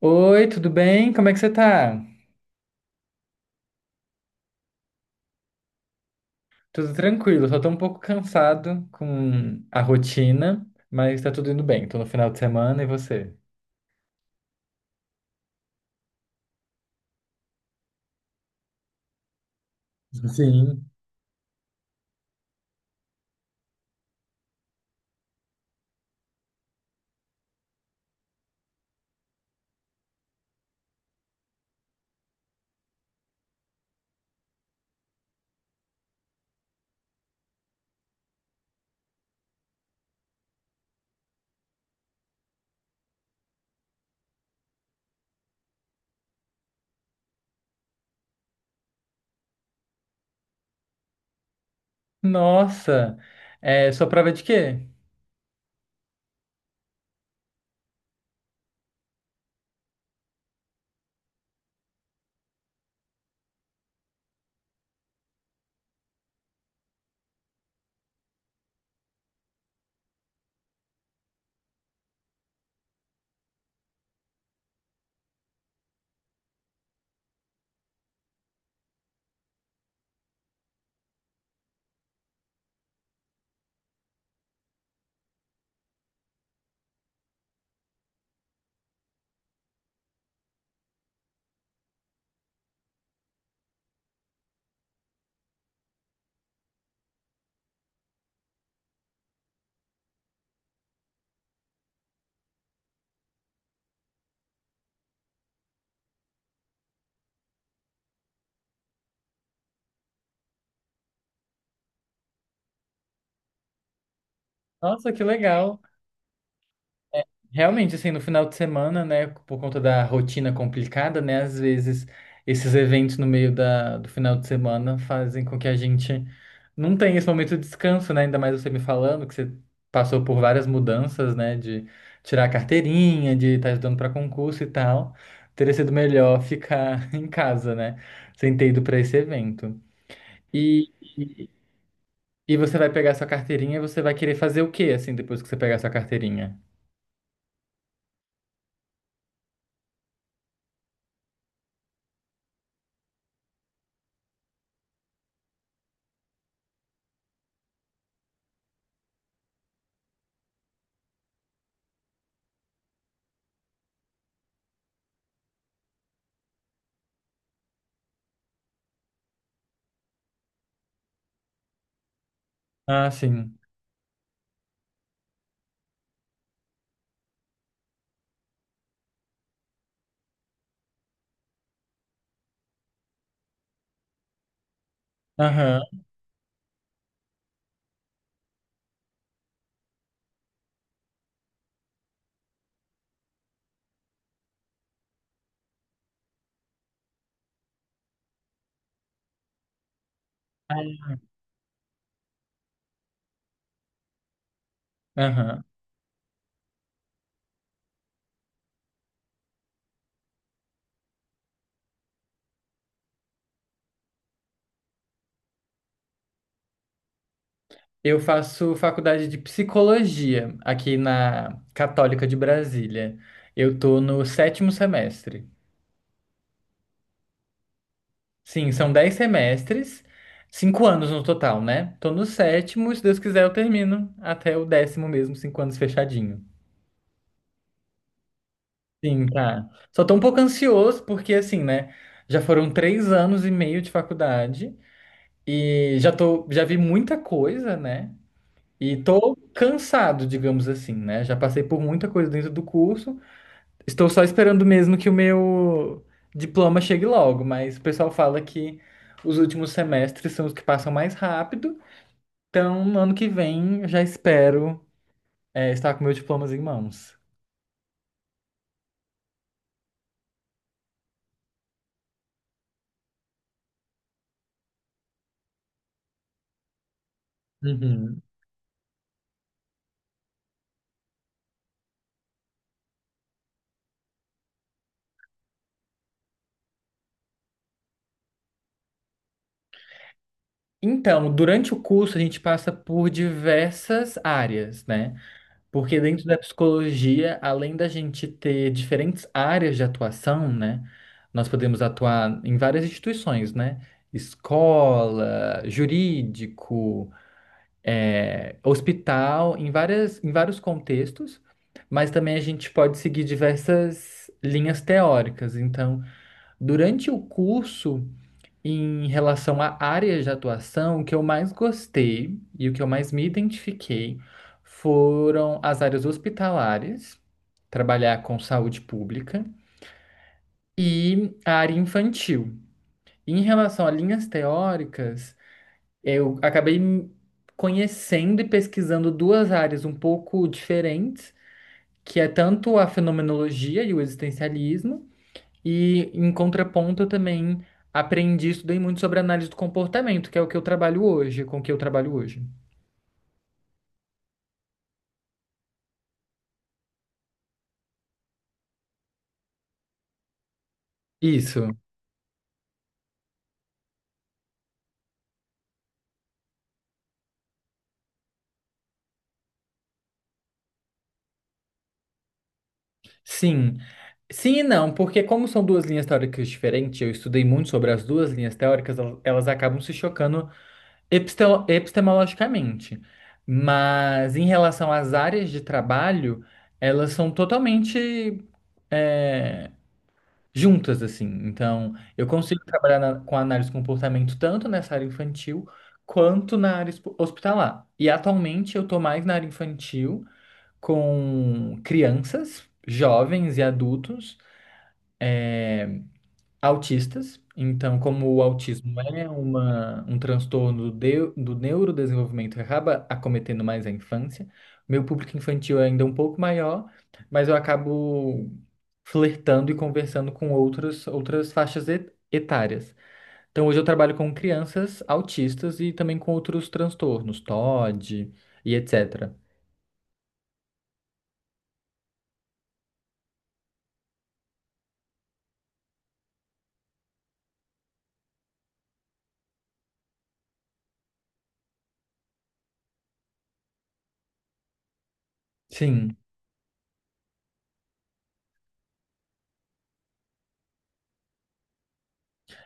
Oi, tudo bem? Como é que você tá? Tudo tranquilo, só tô um pouco cansado com a rotina, mas tá tudo indo bem. Tô no final de semana e você? Sim. Nossa, sua prova é de quê? Nossa, que legal. Realmente, assim, no final de semana, né, por conta da rotina complicada, né, às vezes esses eventos no meio do final de semana fazem com que a gente não tenha esse momento de descanso, né, ainda mais você me falando que você passou por várias mudanças, né, de tirar a carteirinha, de estar estudando para concurso e tal. Teria sido melhor ficar em casa, né, sem ter ido para esse evento. E, e, e você vai pegar sua carteirinha e você vai querer fazer o quê, assim, depois que você pegar sua carteirinha? Ah, sim. Aham. Aham. Eu faço faculdade de psicologia aqui na Católica de Brasília. Eu tô no sétimo semestre. Sim, são dez semestres, cinco anos no total, né? Tô no sétimo, se Deus quiser, eu termino até o décimo mesmo, cinco anos fechadinho. Sim, tá. Só tô um pouco ansioso porque, assim, né? Já foram três anos e meio de faculdade e já vi muita coisa, né? E tô cansado, digamos assim, né? Já passei por muita coisa dentro do curso. Estou só esperando mesmo que o meu diploma chegue logo, mas o pessoal fala que os últimos semestres são os que passam mais rápido. Então, no ano que vem, eu já espero, estar com meu diploma em mãos. Uhum. Então, durante o curso, a gente passa por diversas áreas, né? Porque dentro da psicologia, além da gente ter diferentes áreas de atuação, né? Nós podemos atuar em várias instituições, né? Escola, jurídico, hospital, em vários contextos, mas também a gente pode seguir diversas linhas teóricas. Então, durante o curso, em relação à área de atuação, o que eu mais gostei e o que eu mais me identifiquei foram as áreas hospitalares, trabalhar com saúde pública, e a área infantil. Em relação a linhas teóricas, eu acabei conhecendo e pesquisando duas áreas um pouco diferentes, que é tanto a fenomenologia e o existencialismo, e em contraponto eu também aprendi, e estudei muito sobre análise do comportamento, que é o que eu trabalho hoje, com o que eu trabalho hoje. Isso, sim. Sim e não, porque como são duas linhas teóricas diferentes, eu estudei muito sobre as duas linhas teóricas, elas acabam se chocando epistemologicamente. Mas em relação às áreas de trabalho, elas são totalmente é, juntas, assim. Então, eu consigo trabalhar com análise de comportamento tanto nessa área infantil quanto na área hospitalar. E atualmente eu estou mais na área infantil com crianças, jovens e adultos. Autistas. Então, como o autismo é um transtorno do neurodesenvolvimento, acaba acometendo mais a infância. Meu público infantil é ainda um pouco maior, mas eu acabo flertando e conversando com outras faixas etárias. Então, hoje eu trabalho com crianças autistas e também com outros transtornos, TOD e etc. Sim.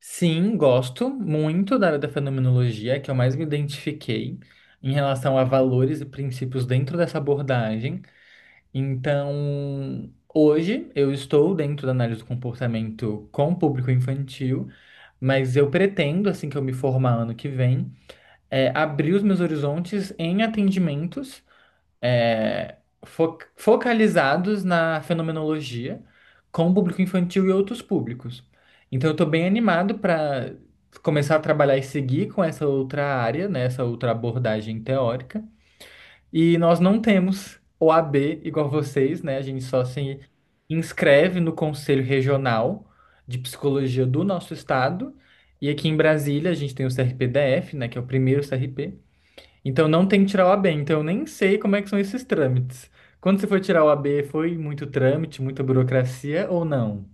Sim, gosto muito da área da fenomenologia, é que eu mais me identifiquei em relação a valores e princípios dentro dessa abordagem. Então, hoje eu estou dentro da análise do comportamento com o público infantil, mas eu pretendo, assim que eu me formar ano que vem, abrir os meus horizontes em atendimentos é, focalizados na fenomenologia com o público infantil e outros públicos. Então, eu estou bem animado para começar a trabalhar e seguir com essa outra área, né, essa outra abordagem teórica. E nós não temos o OAB igual vocês, né? A gente só se inscreve no Conselho Regional de Psicologia do nosso estado. E aqui em Brasília, a gente tem o CRPDF, né, que é o primeiro CRP. Então não tem que tirar o AB, então eu nem sei como é que são esses trâmites. Quando você foi tirar o AB, foi muito trâmite, muita burocracia ou não?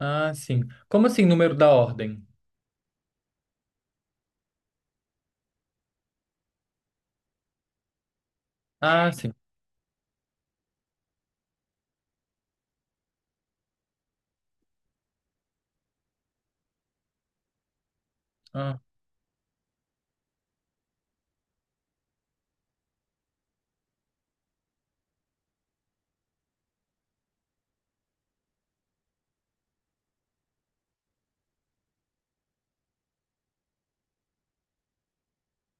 Ah, sim. Como assim, número da ordem? Ah, sim. Ah,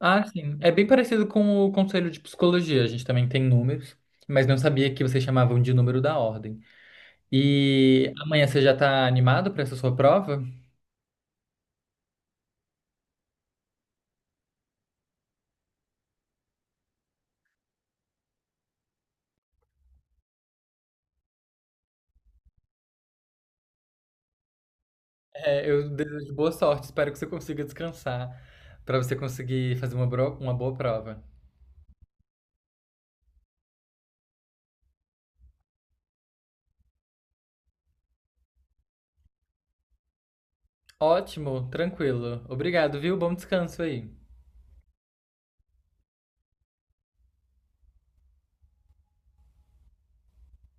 Ah, sim. É bem parecido com o conselho de psicologia. A gente também tem números, mas não sabia que vocês chamavam de número da ordem. E amanhã você já está animado para essa sua prova? É, eu desejo boa sorte. Espero que você consiga descansar para você conseguir fazer uma, uma boa prova. Ótimo, tranquilo. Obrigado, viu? Bom descanso aí.